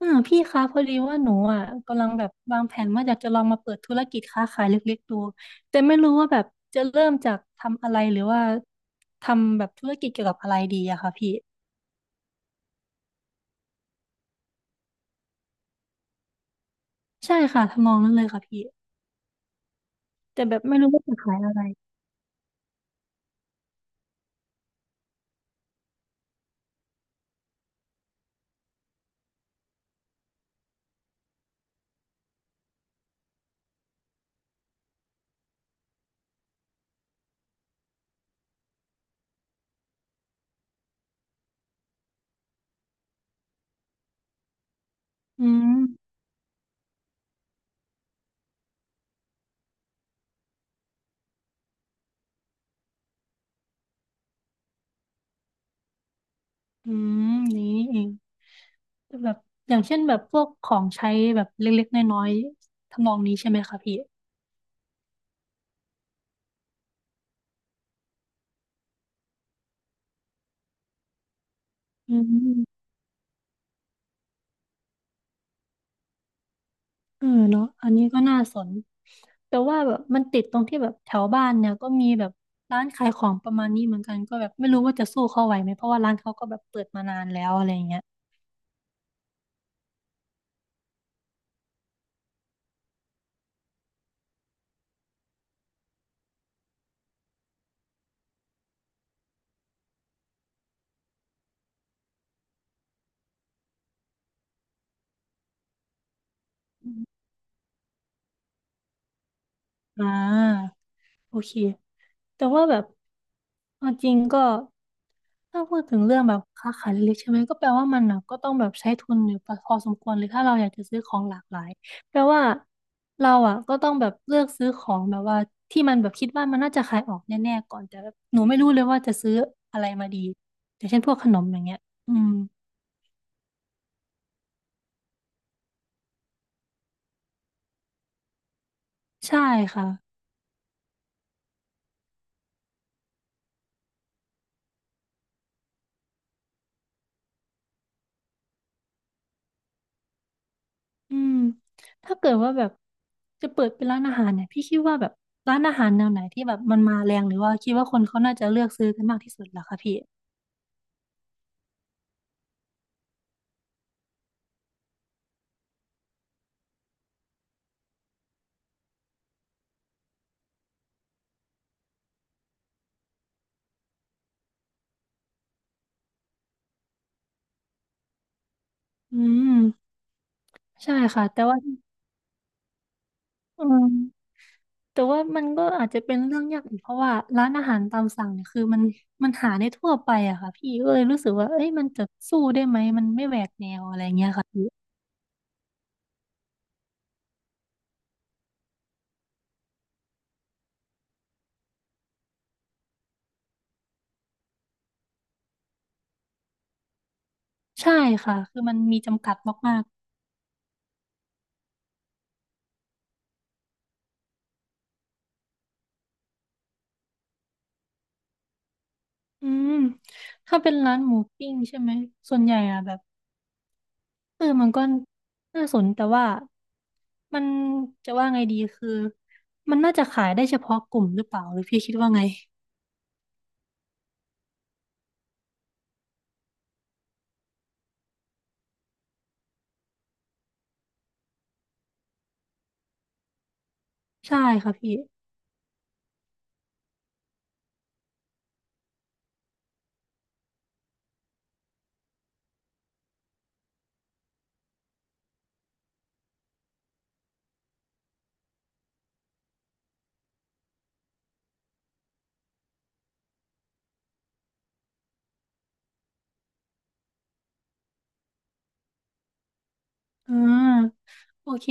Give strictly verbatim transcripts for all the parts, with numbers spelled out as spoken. อ่าพี่คะพอดีว่าหนูอ่ะกำลังแบบวางแผนว่าอยากจะลองมาเปิดธุรกิจค้าขายเล็กๆดูแต่ไม่รู้ว่าแบบจะเริ่มจากทำอะไรหรือว่าทำแบบธุรกิจเกี่ยวกับอะไรดีอะค่ะพี่ใช่ค่ะทำนองนั้นเลยค่ะพี่แต่แบบไม่รู้ว่าจะขายอะไรอืมอืมนี้นี่เองแบบอย่างเช่นแบบพวกของใช้แบบเล็กๆน้อยๆทำนองนี้ใช่ไหมคะพี่อืม เออเนาะอันนี้ก็น่าสนแต่ว่าแบบมันติดตรงที่แบบแถวบ้านเนี่ยก็มีแบบร้านขายของประมาณนี้เหมือนกันก็แบบไม่รู้ว่าจะสู้เขาไหวไหมเพราะว่าร้านเขาก็แบบเปิดมานานแล้วอะไรเงี้ยอ่า โอเค แต่ว่าแบบเอาจริงก็ถ้าพูดถึงเรื่องแบบค้าขายเล็กๆใช่ไหมก็แปลว่ามันนะก็ต้องแบบใช้ทุนอยู่พอสมควรเลยถ้าเราอยากจะซื้อของหลากหลายแปลว่าเราอ่ะก็ต้องแบบเลือกซื้อของแบบว่าที่มันแบบคิดว่ามันน่าจะขายออกแน่ๆก่อนแต่แบบหนูไม่รู้เลยว่าจะซื้ออะไรมาดีอย่างเช่นพวกขนมอย่างเงี้ยอืมใช่ค่ะ อืมถ้าเกิดว่าแบบจะเปิดเป็นร้านอาหารเนี่ยพี่คิดว่าแบบร้านอาหารแนวไหนที่แบบมันมาแรงหรือว่าคิดว่าคนเขาน่าจะเลือกซื้อกันมากที่สุดเหรอคะพี่อืมใช่ค่ะแต่ว่าอืมแต่ว่ามันก็อาจจะเป็นเรื่องยากอีกเพราะว่าร้านอาหารตามสั่งเนี่ยคือมันมันหาได้ทั่วไปอะค่ะพี่ก็เลยรู้สึกว่าเอ้ยมันจะสู้ได้ไหมมันไม่แหวกแนวอะไรเงี้ยค่ะพี่ใช่ค่ะคือมันมีจำกัดมากๆอืมถ้าเป็นร้านหมูปิ้งใช่ไหมส่วนใหญ่อะแบบ เออมันก็น่าสนแต่ว่ามันจะว่าไงดีคือมันน่าจะขายได้เฉพาะกลุ่มหรือเปล่าหรือพี่คิดว่าไงใช่ค่ะพี่อ่าโอเค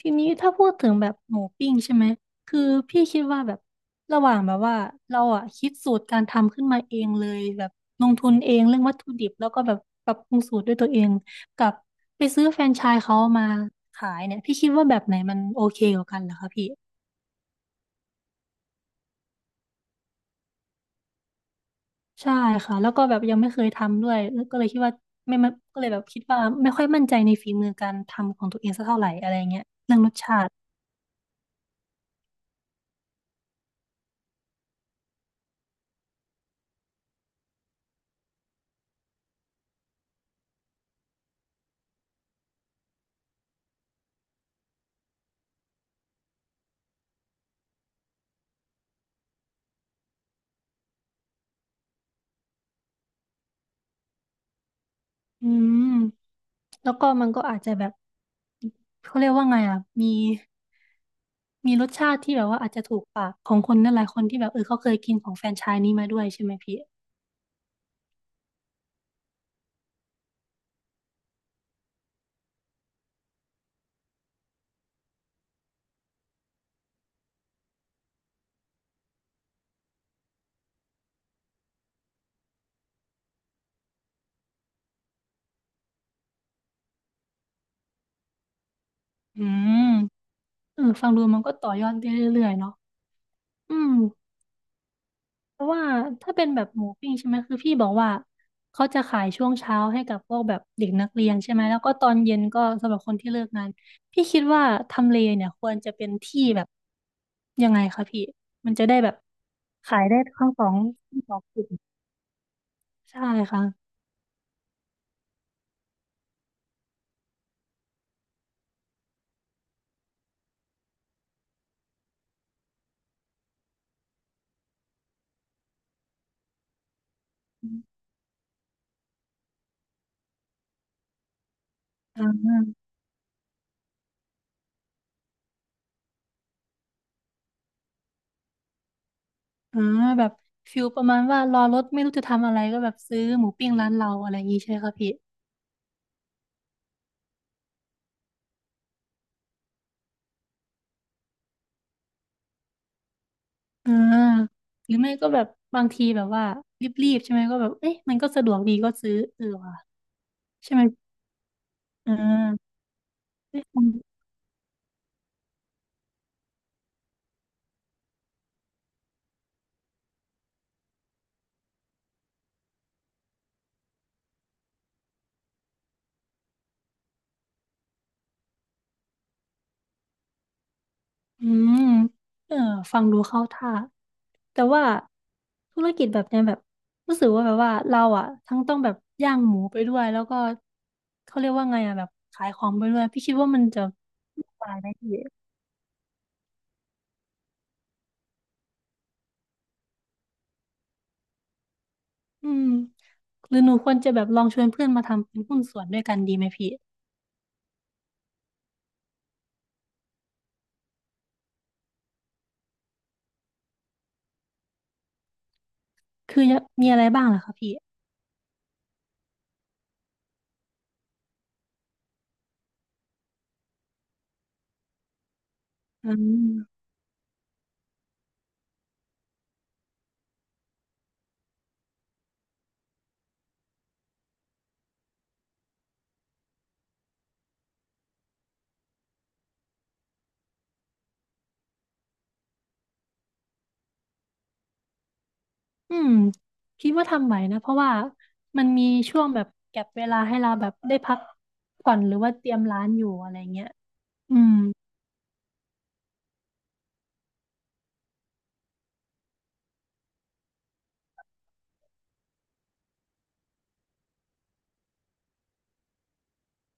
ทีนี้ถ้าพูดถึงแบบหมูปิ้งใช่ไหมคือพี่คิดว่าแบบระหว่างแบบว่าเราอ่ะคิดสูตรการทำขึ้นมาเองเลยแบบลงทุนเองเรื่องวัตถุดิบแล้วก็แบบปรับปรุงสูตรด้วยตัวเองกับไปซื้อแฟรนไชส์เขามาขายเนี่ยพี่คิดว่าแบบไหนมันโอเคกว่ากันเหรอคะพี่ ใช่ค่ะแล้วก็แบบยังไม่เคยทำด้วยแล้วก็เลยคิดว่าไม่ไม่ก็เลยแบบคิดว่าไม่ค่อยมั่นใจในฝีมือการทำของตัวเองสักเท่าไหร่อะไรเงี้ยเรื่องรสชาติอืมแล้วก็มันก็อาจจะแบบเขาเรียกว่าไงอ่ะมีมีรสชาติที่แบบว่าอาจจะถูกปากของคนนั่นหลายคนที่แบบเออเขาเคยกินของแฟรนไชส์นี้มาด้วยใช่ไหมพี่อืมเออฟังดูมันก็ต่อยอดได้เรื่อยๆเนาะอืม เพราะว่าถ้าเป็นแบบหมูปิ้งใช่ไหมคือพี่บอกว่าเขาจะขายช่วงเช้าให้กับพวกแบบเด็กนักเรียนใช่ไหมแล้วก็ตอนเย็นก็สำหรับคนที่เลิกงานพี่คิดว่าทำเลเนี่ยควรจะเป็นที่แบบยังไงคะพี่มันจะได้แบบขายได้ทั้งสองทั้งสองกลุ่มใช่ค่ะอ่าอ่าแบบฟิลประมาณว่ารอรถไม่รู้จะทำอะไรก็แบบซื้อหมูปิ้งร้านเราอะไรอย่างนี้ใช่ไหมคะพี่ อ่าหรือไม่ก็แบบบางทีแบบว่ารีบๆใช่ไหมก็แบบเอ๊ะมันก็สะดวกดีก็ซื้อเออว่ะใช่ไหมอ่าเอ๊ะฟังอืมเออฟังดูเข้าท่าแต่ว่าธุรกิจแบบเนี้ยแบบรู้สึกว่าแบบว่าเราอ่ะทั้งต้องแบบย่างหมูไปด้วยแล้วก็เขาเรียกว่าไงอ่ะแบบขายของไปด้วยพี่คิดว่ามันจะวุ่นวายไหมพี่อืมหรือหนูควรจะแบบลองชวนเพื่อนมาทำเป็นหุ้นส่วนด้วยกันดีไหมพี่คือมีอะไรบ้างล่ะคะพี่อืม อืมคิดว่าทำไหวนะเพราะว่ามันมีช่วงแบบแก็ปเวลาให้เราแบบได้พักผ่อนหรือว่าเตรียมร้านอยู่อะไรเงี้ยอืม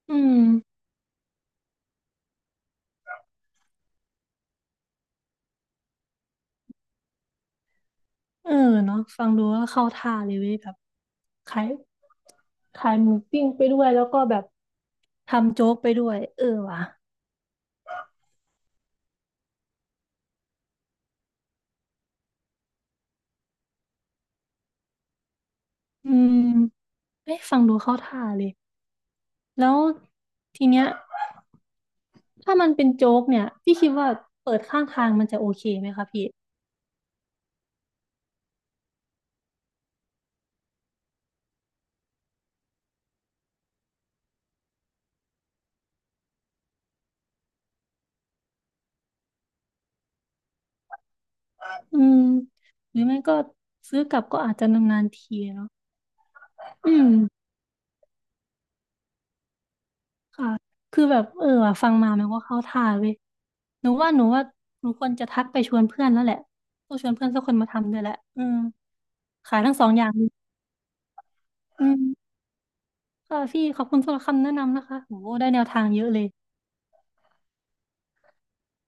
อืมเออเนาะฟังดูก็เข้าท่าเลยเว้ยแบบขายขายหมูปิ้งไปด้วยแล้วก็แบบทำโจ๊กไปด้วยเออว่ะอืมเอ้ยฟังดูเข้าท่าเลยแล้วทีเนี้ยถ้ามันเป็นโจ๊กเนี่ยพี่คิดว่าเปิดข้างทางมันจะโอเคไหมคะพี่ อืมหรือไม่ก็ซื้อกลับก็อาจจะนานๆทีเนาะอืมค่ะคือแบบเออว่ะฟังมามันก็เข้าท่าเว้ยหนูว่าหนูว่าหนูควรจะทักไปชวนเพื่อนแล้วแหละต้องชวนเพื่อนสักคนมาทำด้วยแหละอืมขายทั้งสองอย่างเลยอืมค่ะพี่ขอบคุณสำหรับคำแนะนำนะคะโหได้แนวทางเยอะเลย